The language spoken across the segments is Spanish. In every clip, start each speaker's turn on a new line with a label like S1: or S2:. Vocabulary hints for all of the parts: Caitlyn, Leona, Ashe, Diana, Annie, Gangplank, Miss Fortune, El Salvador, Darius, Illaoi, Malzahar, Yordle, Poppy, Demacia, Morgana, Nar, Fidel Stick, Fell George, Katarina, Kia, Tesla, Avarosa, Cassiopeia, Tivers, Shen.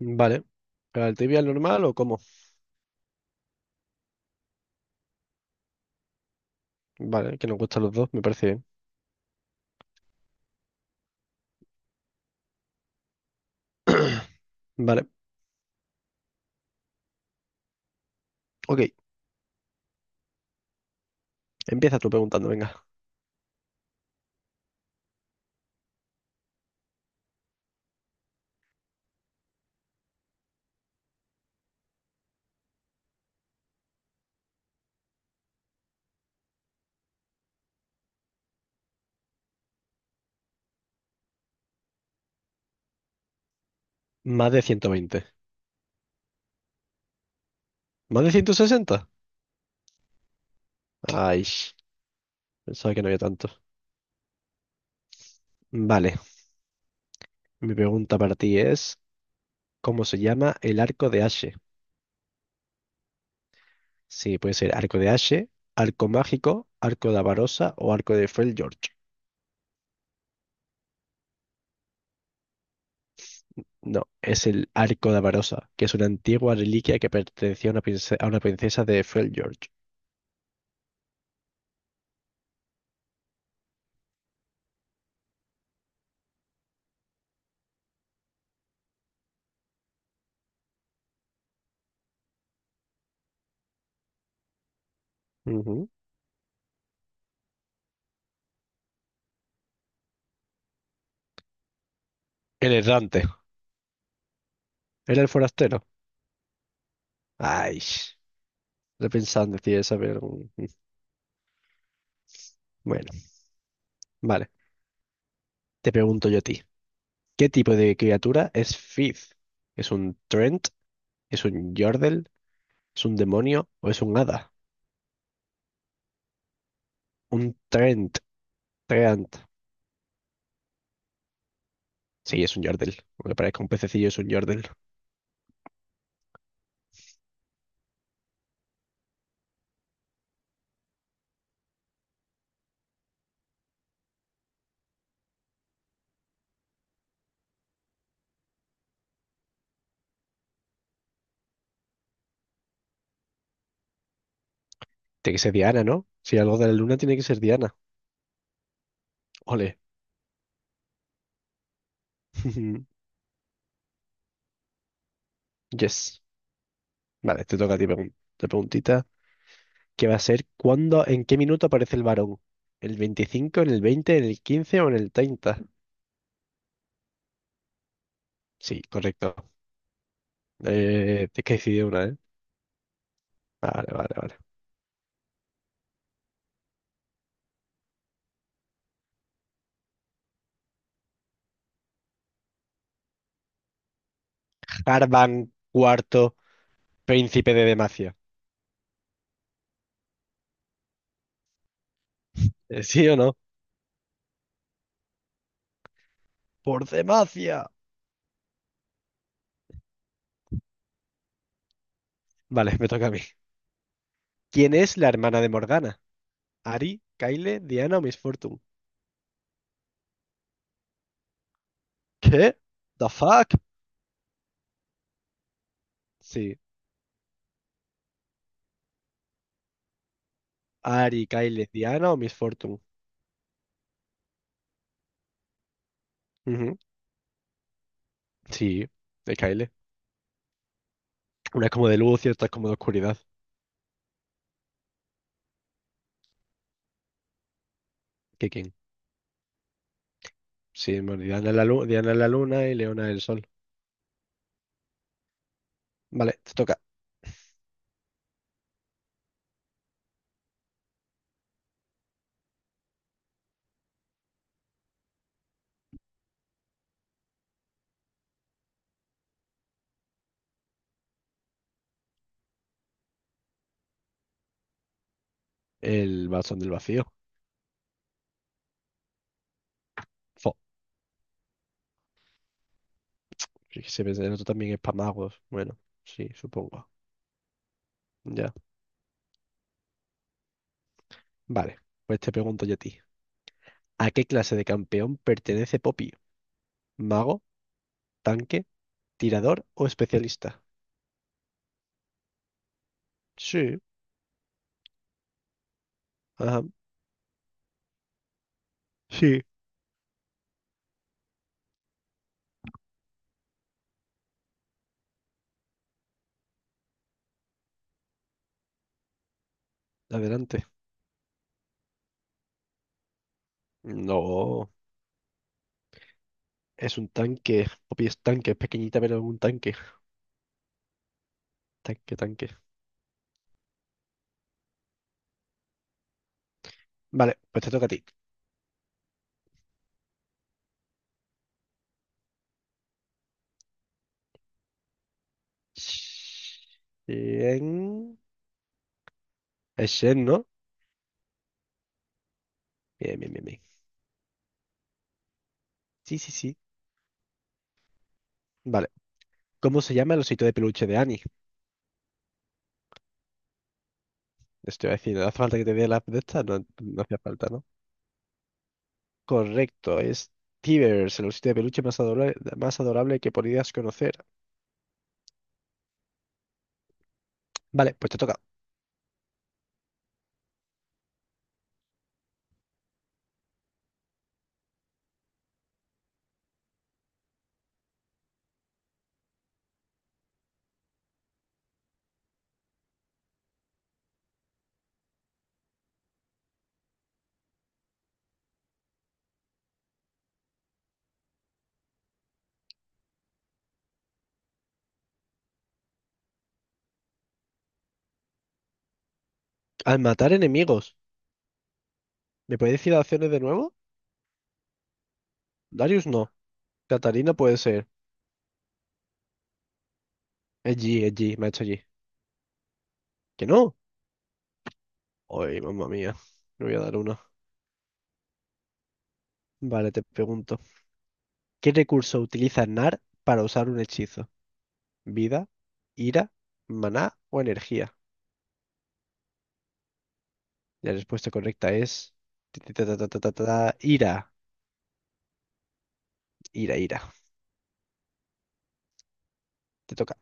S1: Vale. ¿Pero al trivial normal o cómo? Vale, que nos gustan los dos, me parece bien. Vale, ok. Empieza tú preguntando, venga. Más de 120. ¿Más de 160? Ay, pensaba que no había tanto. Vale, mi pregunta para ti es, ¿cómo se llama el arco de Ashe? Sí, puede ser arco de Ashe, arco mágico, arco de Avarosa o arco de Fell George. No, es el arco de Avarosa, que es una antigua reliquia que pertenecía a una princesa de Fell George. Ujú. El errante. Era el forastero. Ay, repensando, quería saber. Bueno, vale. Te pregunto yo a ti. ¿Qué tipo de criatura es Fifth? ¿Es un Trent? ¿Es un Yordle? ¿Es un demonio? ¿O es un hada? Un Trent. Trent. Sí, es un Yordle. Aunque parezca un pececillo, es un Yordle. Tiene que ser Diana, ¿no? Si algo de la luna tiene que ser Diana. Ole. Yes. Vale, te toca a ti la preguntita. ¿Qué va a ser? ¿Cuándo? ¿En qué minuto aparece el varón? ¿El 25? ¿En el 20? ¿En el 15 o en el 30? Sí, correcto. Tienes que decidir una, ¿eh? Vale, vale, vale. Harvan cuarto, príncipe de Demacia. ¿Sí o no? Por Demacia. Vale, me toca a mí. ¿Quién es la hermana de Morgana? ¿Ari, Kyle, Diana o Miss Fortune? ¿Qué? ¿The fuck? Sí. Ari, Kyle, Diana o Miss Fortune. Ujú. Sí, de Kyle. Una es como de luz y otra es como de oscuridad. ¿Qué quién? Sí, bueno, Diana es la luna, Diana es la luna y Leona es el sol. Vale, te toca. El bastón del vacío. Fíjese, pensé, el otro también es Pamagua. Bueno, sí, supongo. Ya. Vale, pues te pregunto yo a ti. ¿A qué clase de campeón pertenece Poppy? ¿Mago, tanque, tirador o especialista? Sí, ajá, sí. Adelante. No, es un tanque. Poppy es tanque, es pequeñita, pero es un tanque. Tanque, tanque. Vale, pues te toca a ti. Bien. Es Shen, ¿no? Bien, bien, bien, bien. Sí, sí, sí. Vale. ¿Cómo se llama el osito de peluche de Annie? Esto iba a decir, ¿hace falta que te dé la app de esta? No, no hacía falta, ¿no? Correcto, es Tivers, el osito de peluche más adorable que podías conocer. Vale, pues te toca. Al matar enemigos, ¿me puedes decir las opciones de nuevo? Darius no. Catarina puede ser. Es G, me ha hecho G. ¿Que no? Ay, mamma mía. Me voy a dar una. Vale, te pregunto. ¿Qué recurso utiliza Nar para usar un hechizo? ¿Vida, ira, maná o energía? La respuesta correcta es, ta, ta, ta, ta, ta, ta, ta, ira, ira, ira. Te toca.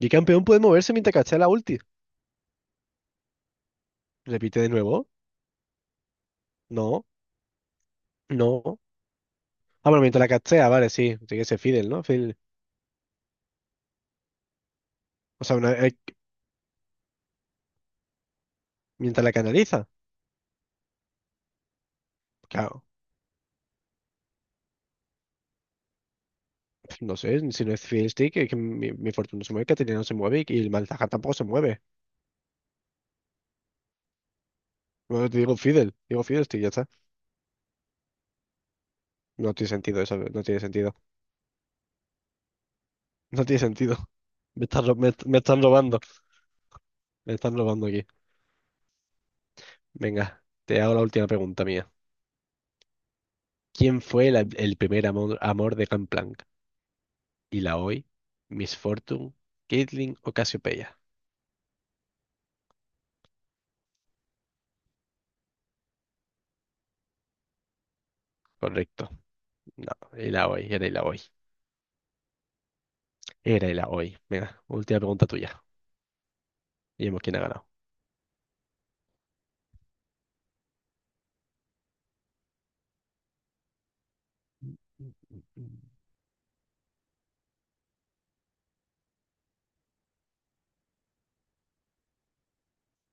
S1: Y campeón puede moverse mientras castea la ulti. Repite de nuevo. No, no. Ah, bueno, mientras la castea, vale, sí. Tiene que ser Fidel, ¿no? Fidel. O sea, mientras la canaliza. Claro. No sé, si no es Fidel Stick, es que mi Fortuna se mueve, Caterina no se mueve y el Malzahar tampoco se mueve. No no, te digo Fidel Stick, ya está. No tiene sentido eso, no tiene sentido. No tiene sentido. Me están robando. Me están robando aquí. Venga, te hago la última pregunta mía. ¿Quién fue el primer amor de Gangplank? Illaoi, Miss Fortune, Caitlyn o Cassiopeia. Correcto. No, Illaoi, era Illaoi. Era Illaoi. Venga, última pregunta tuya. Y vemos quién ha ganado.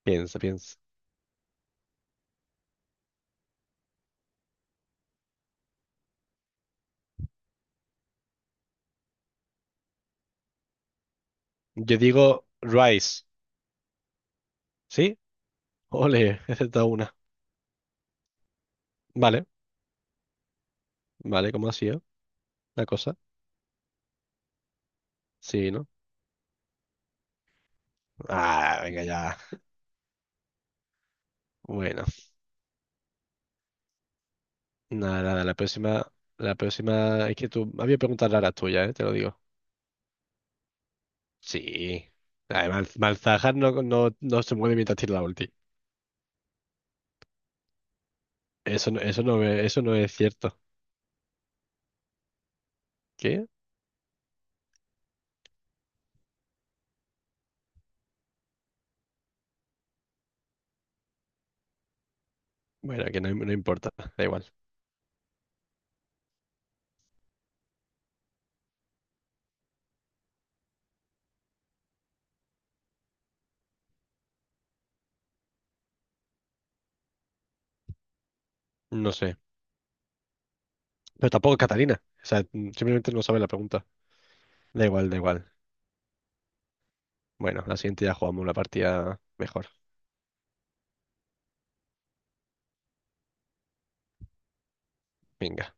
S1: Piensa, piensa. Yo digo Rice, ¿sí? Ole, he acertado una. Vale, vale, ¿cómo ha sido la cosa? Sí, ¿no? Ah, venga ya. Bueno, nada, nada, la próxima, es que tú, había preguntas raras tuyas, ¿eh? Te lo digo. Sí. Además, Malzahar no, no, no se mueve mientras tira la ulti. Eso no, eso no, eso no es cierto. ¿Qué? Bueno, que no, no importa, da igual. No sé. Pero tampoco es Catalina. O sea, simplemente no sabe la pregunta. Da igual, da igual. Bueno, la siguiente ya jugamos una partida mejor. Venga.